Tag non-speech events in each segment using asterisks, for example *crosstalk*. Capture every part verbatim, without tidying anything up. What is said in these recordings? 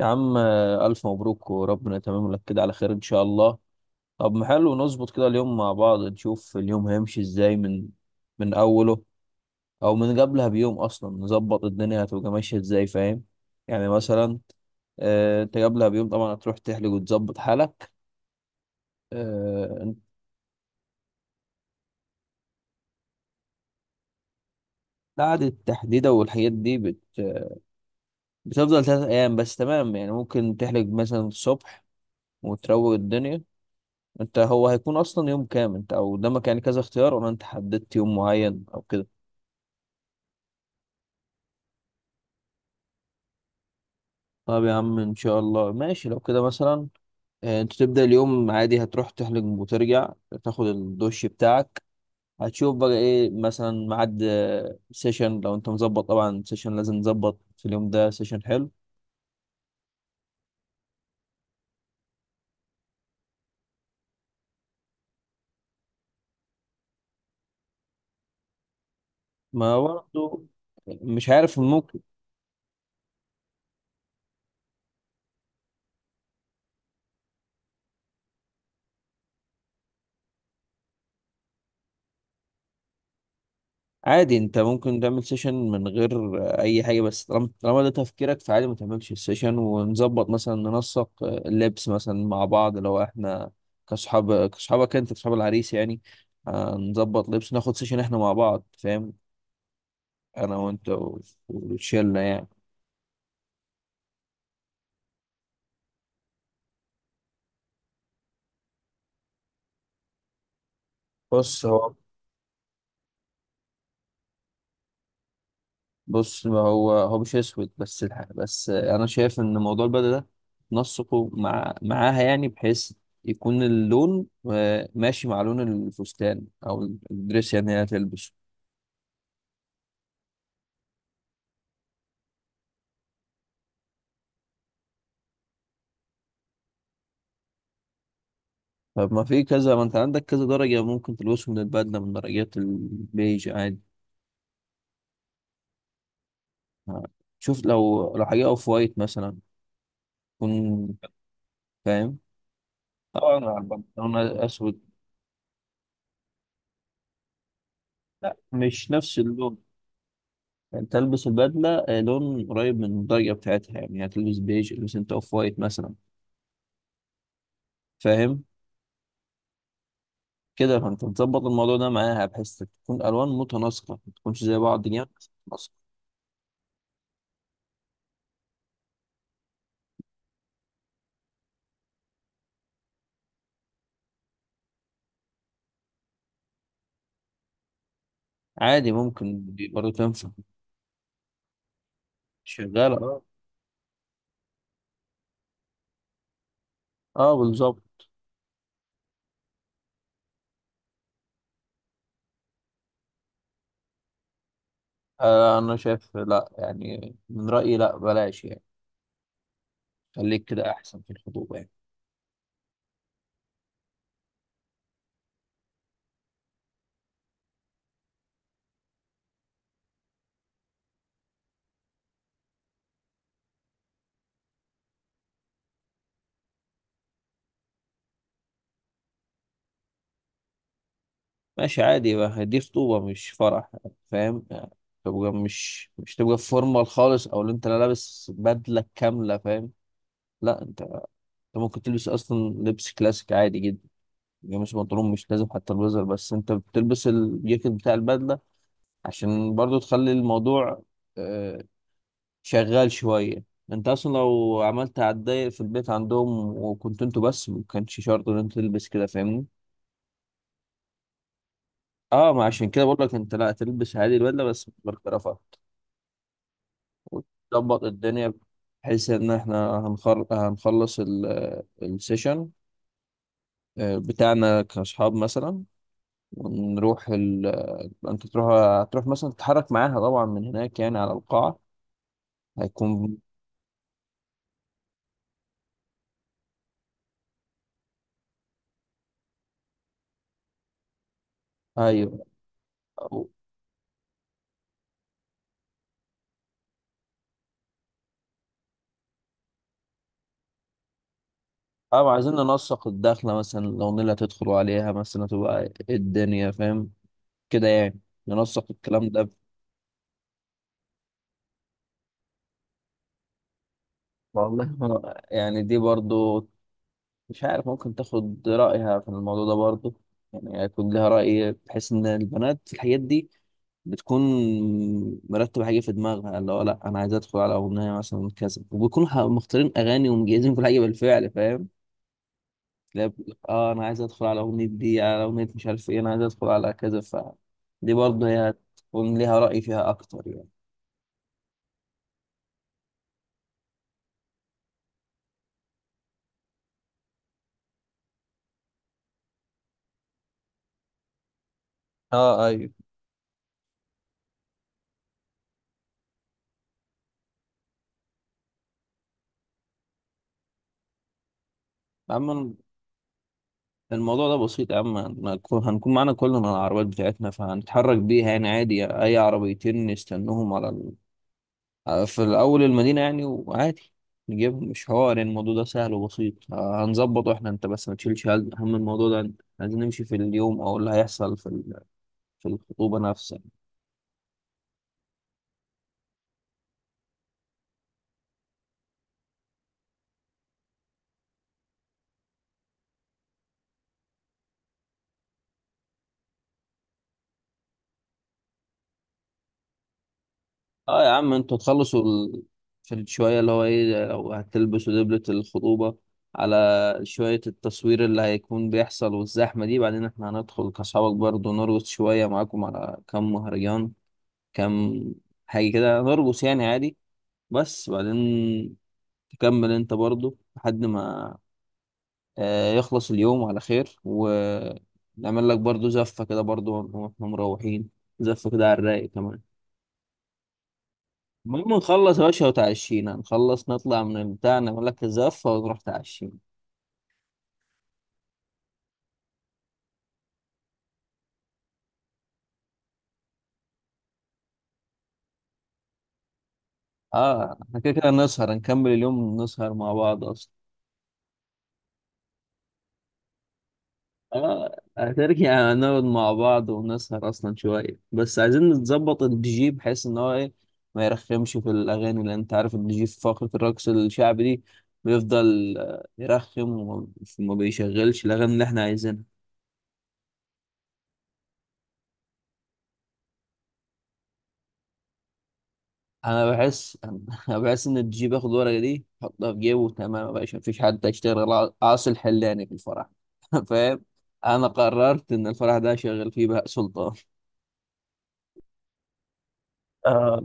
يا عم آه، ألف مبروك وربنا يتمم لك كده على خير إن شاء الله. طب ما حلو نظبط كده اليوم مع بعض، نشوف اليوم هيمشي إزاي من من أوله، أو من قبلها بيوم أصلا نظبط الدنيا هتبقى ماشية إزاي، فاهم؟ يعني مثلا آه، أنت قبلها بيوم طبعا هتروح تحلق وتظبط حالك. آه، أنت قعدة التحديدة والحاجات دي بت... بتفضل ثلاث أيام بس، تمام؟ يعني ممكن تحلق مثلا الصبح وتروق الدنيا. انت هو هيكون اصلا يوم كام انت او قدامك؟ يعني كذا اختيار ولا انت حددت يوم معين او كده؟ طب يا عم ان شاء الله ماشي، لو كده مثلا آه، انت تبدأ اليوم عادي، هتروح تحلق وترجع تاخد الدش بتاعك، هتشوف بقى ايه مثلا ميعاد آه، سيشن لو انت مظبط، طبعا سيشن لازم نظبط في اليوم ده سيشن حلو. ما برضه مش عارف ممكن عادي، انت ممكن تعمل سيشن من غير آه، اي حاجه، بس طالما طالما ده تفكيرك فعادي ما تعملش السيشن، ونظبط مثلا ننسق آه، اللبس مثلا مع بعض لو احنا كصحاب كصحابك انت كصحاب العريس يعني. آه، نظبط لبس ناخد سيشن احنا مع بعض، فاهم؟ انا وانت و- والشله يعني. بص هو بص ما هو هو مش اسود بس الح- بس انا شايف ان موضوع البدله ده نسقه مع معاها يعني، بحيث يكون اللون آه، ماشي مع لون الفستان او الدريس يعني اللي هتلبسه. طب ما في كذا، ما انت عندك كذا درجه ممكن تلبسه من البدله من درجات البيج عادي. آه، شوف لو لو حاجه اوف وايت مثلا تكون، فاهم؟ طبعا على البنطلون اسود. لا مش نفس اللون، تلبس البدلة آه، لون قريب من الدرجة بتاعتها يعني، هتلبس بيج البس انت اوف وايت مثلا، فاهم؟ كده فانت تظبط الموضوع ده معاها بحيث تكون الوان متناسقة، ما تكونش زي بعض جامد بس متناسقة. عادي ممكن دي برضه تنفع. شغالة اه. اه بالظبط. آه انا شايف لا، يعني من رأيي لا، بلاش يعني. خليك كده احسن في الخطوبة يعني. ماشي عادي بقى، دي خطوبة مش فرح يعني، فاهم يعني؟ تبقى مش مش تبقى فورمال خالص او اللي انت لا لابس بدلة كاملة، فاهم؟ لا انت، انت ممكن تلبس اصلا لبس كلاسيك عادي جدا، يعني مش بنطلون، مش لازم حتى البليزر، بس انت بتلبس الجاكيت بتاع البدله عشان برضو تخلي الموضوع آه، شغال شويه. انت اصلا لو عملت هتضايق في البيت عندهم، وكنت انتوا بس ما كانش شرط ان انت تلبس كده، فاهمني؟ اه ما عشان كده بقول لك انت لا تلبس عادي البدله بس بالكرافات وتظبط الدنيا، بحيث ان احنا هنخل- هنخلص ال- السيشن آه، بتاعنا كاصحاب مثلا ونروح ال... انت تروح، هتروح مثلا تتحرك معاها طبعا من هناك يعني على القاعة هيكون. ايوه او. أو عايزين ننسق الدخلة مثلا، لو نيلة هتدخلوا عليها مثلا تبقى إيه الدنيا، فاهم كده يعني؟ ننسق الكلام ده. والله ما- يعني دي برضو مش عارف، ممكن تاخد رأيها في الموضوع ده برضو، يعني هيكون لها رأي بحيث ان البنات في الحاجات دي بتكون مرتبة حاجة في دماغها، اللي هو لأ أنا عايز أدخل على أغنية مثلا كذا، وبيكونوا ح- مختارين أغاني ومجهزين كل حاجة بالفعل، فاهم؟ تلاقي بيقول لك، آه أنا عايز أدخل على أغنية دي، على أغنية مش عارف إيه، أنا عايز أدخل على كذا، ف دي برضه هي هتكون ليها رأي فيها أكتر يعني. اه ايوه. أما الموضوع ده بسيط يا عم، هنكون هنكون معانا كلنا العربيات بتاعتنا فهنتحرك بيها يعني، عادي أي عربيتين نستنوهم على في الأول المدينة يعني، وعادي نجيبهم، مش حوار يعني، الموضوع ده سهل وبسيط. آه، هنظبطه احنا، انت بس ما تشيلش هم هم الموضوع ده. عايزين نمشي في اليوم او اللي هيحصل في ال- في الخطوبة نفسها. اه يا عم انتوا تخلصوا ال... في شوية اللي هو ايه، لو هتلبسوا دبلة الخطوبة على شوية التصوير اللي هيكون بيحصل والزحمة دي، بعدين احنا هندخل كأصحابك برضه نرقص شوية معاكم على كم مهرجان، كم حاجة كده نرقص يعني عادي، بس بعدين تكمل انت برضو لحد ما آه، يخلص اليوم على خير، ونعمل لك برضو زفة كده برضو واحنا مروحين، زفة كده على الرايق كمان. المهم نخلص يا باشا، وتعشينا، نخلص نطلع من البتاع، نعمل لك الزفة ونروح تعشينا. اه احنا كده كده نسهر، نكمل اليوم نسهر مع بعض اصلا. اه هترجع يعني نقعد مع بعض ونسهر اصلا شويه، بس عايزين نظبط الدي جي بحيث ان هو ايه ما يرخمش في الاغاني، لان انت عارف الدي جي في فقره الرقص الشعبي دي بيفضل آه، يرخم، وما وما بيشغلش الاغاني اللي احنا عايزينها. انا بحس *laughs* انا بحس ان الدي جي بياخد الورقه دي يحطها في جيبه، تمام يا باشا، مفيش حد هيشتغل غير عاصي الحلاني في الفرح. *laughs* فاهم؟ انا قررت ان الفرح ده شغال فيه بهاء سلطان. آه،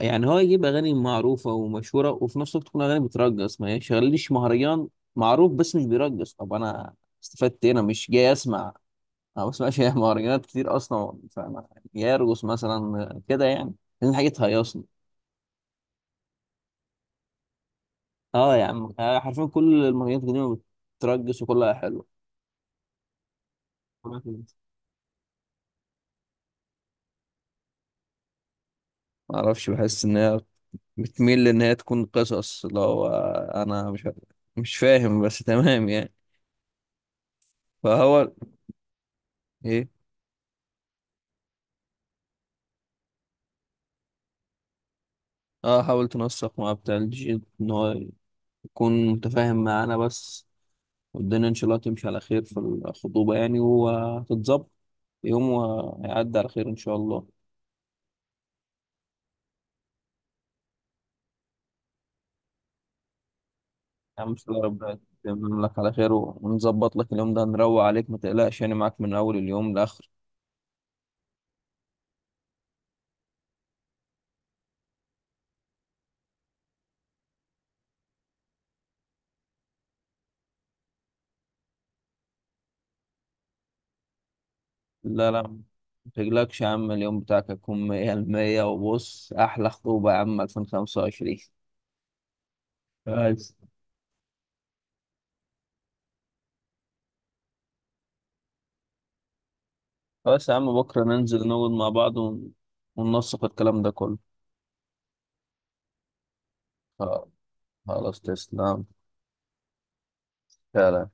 يعني هو يجيب اغاني معروفه ومشهوره وفي نفس الوقت تكون اغاني بترقص، ما يشغلليش مهرجان معروف بس مش بيرقص. طب انا استفدت ايه؟ انا مش جاي اسمع، انا ما بسمعش *laughs* مهرجانات كتير اصلا، فانا جاي ارقص مثلا كده يعني، لان حاجه تهيصني. اه يا عم آه، حرفيا كل المهرجانات القديمه بترقص وكلها حلوه. ما اعرفش بحس ان هي بتميل ان هي تكون قصص اللي هو انا مش مش فاهم بس تمام يعني، فهو ايه. اه حاولت نوثق مع بتاع الجي ان هو يكون متفاهم معانا بس، والدنيا ان شاء الله تمشي على خير في الخطوبة يعني، وهتتظبط يوم وهيعدي على خير ان شاء الله. يا عم ان شاء الله ربنا يتمم لك على خير، ونظبط لك اليوم ده نروق عليك، ما تقلقش يعني، معاك من اول اليوم لاخر. لا لا، ما تقلقش يا عم، اليوم بتاعك هيكون 100 المية، وبص احلى خطوبة يا عم ألفين وخمسة وعشرين. بس بس يا عم بكرة ننزل نقعد مع بعض ون- وننسق الكلام ده كله. خلاص تسلم. فعلا.